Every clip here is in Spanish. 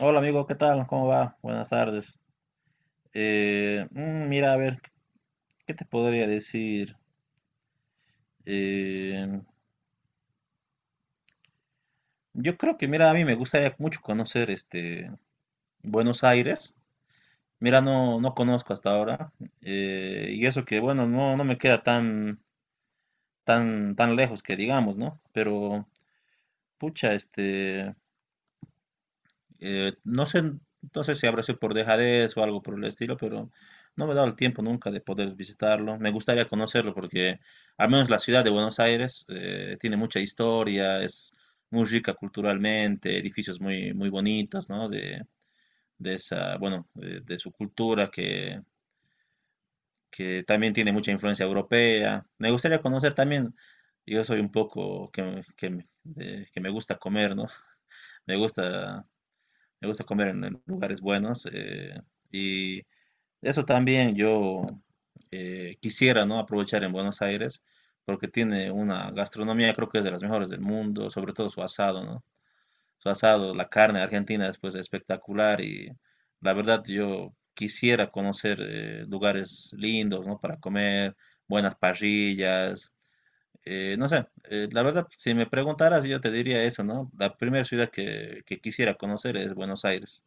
Hola amigo, ¿qué tal? ¿Cómo va? Buenas tardes. Mira, a ver, ¿qué te podría decir? Eh, yo creo que, mira, a mí me gustaría mucho conocer este Buenos Aires. Mira, no, no conozco hasta ahora. Y eso que, bueno, no, no me queda tan, tan, tan lejos que digamos, ¿no? Pero, pucha, no sé, no sé si habrá sido por dejadez o algo por el estilo, pero no me he dado el tiempo nunca de poder visitarlo. Me gustaría conocerlo porque al menos la ciudad de Buenos Aires tiene mucha historia, es muy rica culturalmente, edificios muy, muy bonitos, ¿no? De esa, bueno, de su cultura que también tiene mucha influencia europea. Me gustaría conocer también, yo soy un poco que me gusta comer, ¿no? Me gusta Me gusta comer en lugares buenos, y eso también yo quisiera, ¿no? Aprovechar en Buenos Aires porque tiene una gastronomía, creo que es de las mejores del mundo, sobre todo su asado, ¿no? Su asado, la carne argentina es pues espectacular y la verdad yo quisiera conocer lugares lindos, ¿no? Para comer, buenas parrillas, no sé, la verdad, si me preguntaras yo te diría eso, ¿no? La primera ciudad que quisiera conocer es Buenos Aires.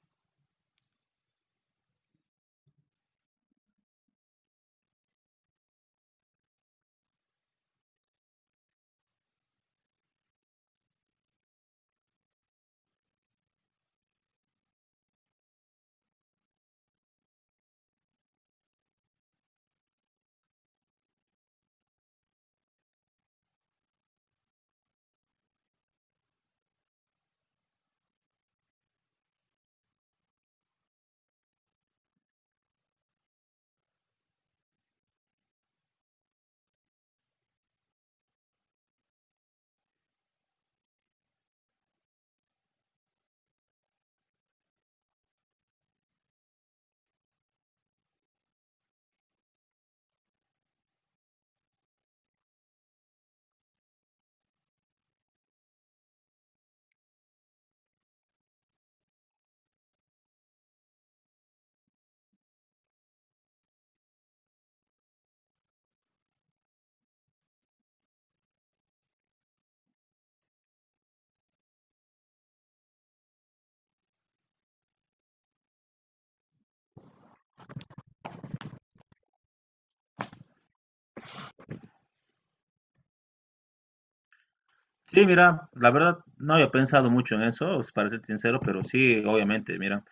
Sí, mira, la verdad no había pensado mucho en eso, para ser sincero, pero sí, obviamente, mira,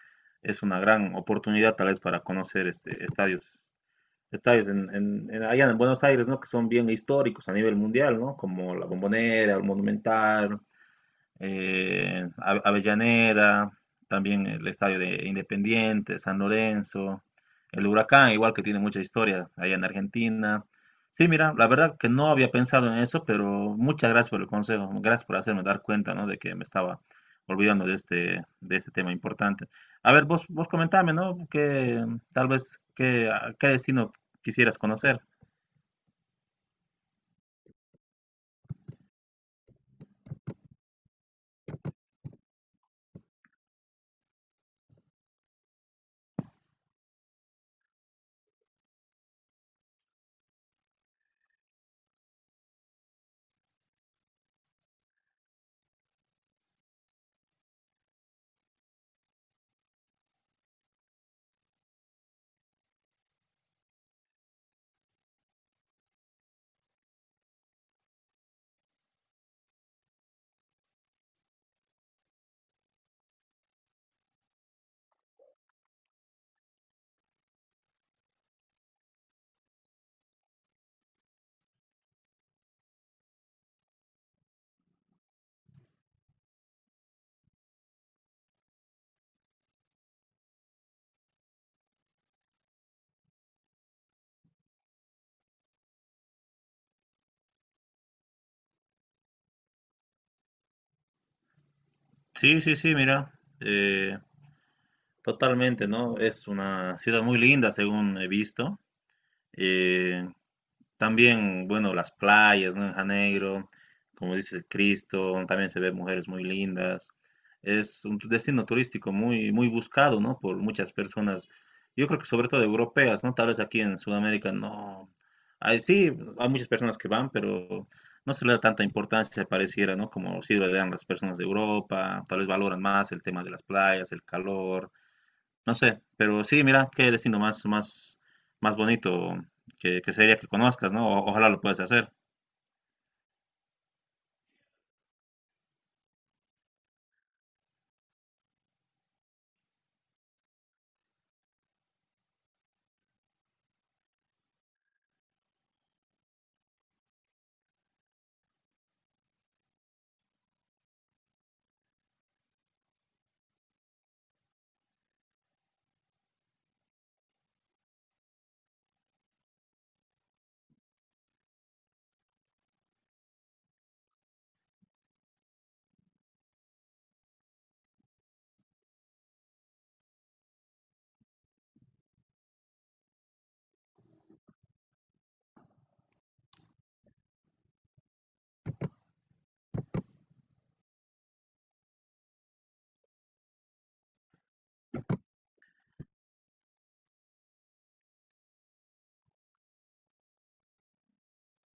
es una gran oportunidad tal vez para conocer este estadios, estadios allá en Buenos Aires, ¿no? Que son bien históricos a nivel mundial, ¿no? Como la Bombonera, el Monumental, Avellaneda, también el estadio de Independiente, San Lorenzo, el Huracán, igual que tiene mucha historia allá en Argentina. Sí, mira, la verdad que no había pensado en eso, pero muchas gracias por el consejo, gracias por hacerme dar cuenta, ¿no? De que me estaba olvidando de de este tema importante. A ver, vos, vos comentame, ¿no? Que tal vez qué, a qué destino quisieras conocer. Sí, sí, sí, mira, eh, totalmente, ¿no? Es una ciudad muy linda, según he visto. Eh, También, bueno, las playas, ¿no? En Janeiro, como dice Cristo, también se ve mujeres muy lindas. Es un destino turístico muy, muy buscado, ¿no? Por muchas personas. Yo creo que sobre todo europeas, ¿no? Tal vez aquí en Sudamérica no. Hay, sí, hay muchas personas que van, pero no se le da tanta importancia, pareciera, ¿no? Como sí le dan las personas de Europa, tal vez valoran más el tema de las playas, el calor, no sé, pero sí, mira, qué destino más, más, más bonito que sería que conozcas, ¿no? Ojalá lo puedas hacer.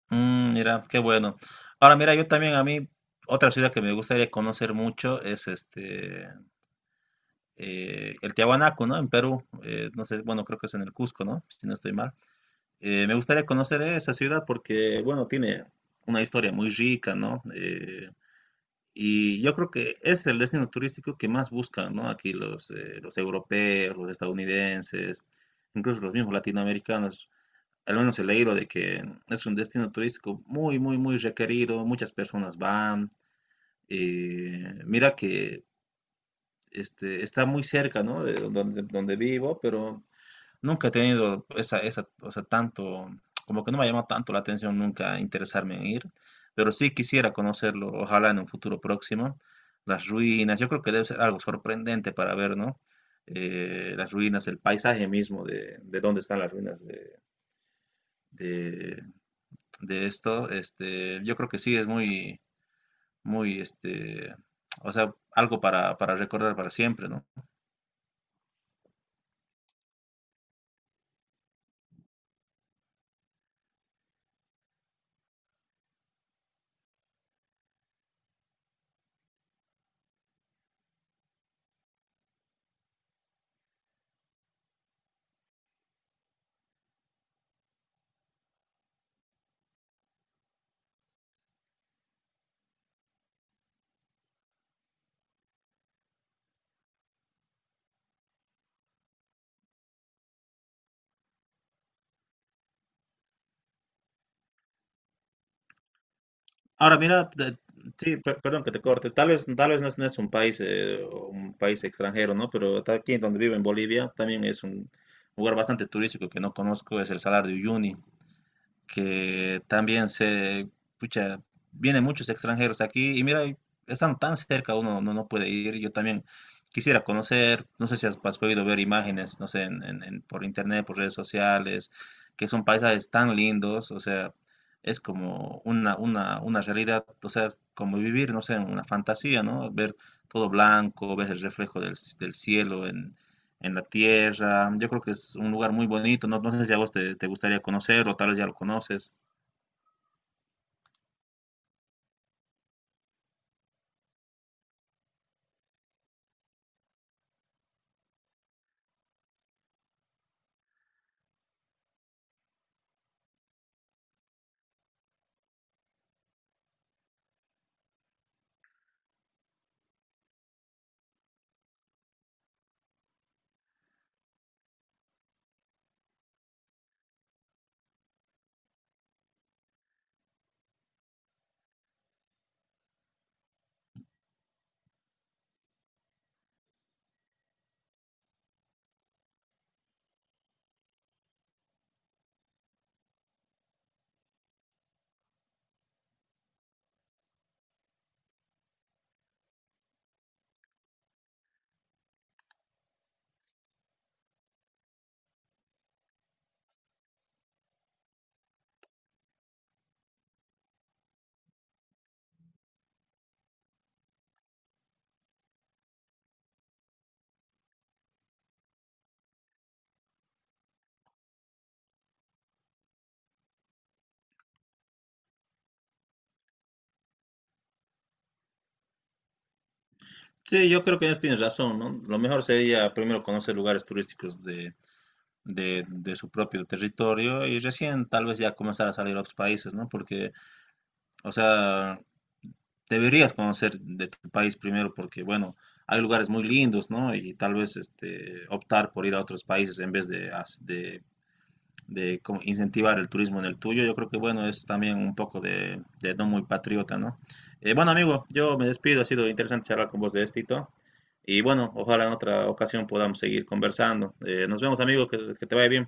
Mm, mira, qué bueno. Ahora, mira, yo también a mí, otra ciudad que me gustaría conocer mucho es el Tiahuanaco, ¿no? En Perú, no sé, bueno, creo que es en el Cusco, ¿no? Si no estoy mal. Me gustaría conocer esa ciudad porque, bueno, tiene una historia muy rica, ¿no? Y yo creo que es el destino turístico que más buscan, ¿no? Aquí los europeos, los estadounidenses, incluso los mismos latinoamericanos. Al menos he leído de que es un destino turístico muy, muy, muy requerido. Muchas personas van. Mira que está muy cerca, ¿no? De donde, donde vivo, pero nunca he tenido esa, esa, o sea, tanto, como que no me ha llamado tanto la atención nunca interesarme en ir, pero sí quisiera conocerlo, ojalá en un futuro próximo. Las ruinas, yo creo que debe ser algo sorprendente para ver, ¿no? Las ruinas, el paisaje mismo de dónde están las ruinas de, yo creo que sí es muy, muy, este, o sea, algo para recordar para siempre, ¿no? Ahora mira, de- sí, perdón que te corte, tal vez no es, no es un país extranjero, ¿no? Pero aquí donde vivo en Bolivia también es un lugar bastante turístico que no conozco, es el Salar de Uyuni que también se, pucha, vienen muchos extranjeros aquí y mira, y están tan cerca, uno no, no puede ir. Yo también quisiera conocer, no sé si has, has podido ver imágenes, no sé, por internet, por redes sociales, que son paisajes tan lindos, o sea, es como una realidad, o sea, como vivir, no sé, en una fantasía, ¿no? Ver todo blanco, ves el reflejo del, del cielo en la tierra. Yo creo que es un lugar muy bonito. No, no sé si a vos te, te gustaría conocerlo, tal vez ya lo conoces. Sí, yo creo que ellos tienes razón, ¿no? Lo mejor sería primero conocer lugares turísticos de su propio territorio y recién tal vez ya comenzar a salir a otros países, ¿no? Porque, o sea, deberías conocer de tu país primero porque, bueno, hay lugares muy lindos, ¿no? Y tal vez este, optar por ir a otros países en vez de, de como incentivar el turismo en el tuyo, yo creo que bueno, es también un poco de no muy patriota, ¿no? Bueno, amigo, yo me despido, ha sido interesante charlar con vos de esto y bueno, ojalá en otra ocasión podamos seguir conversando. Nos vemos, amigo, que te vaya bien.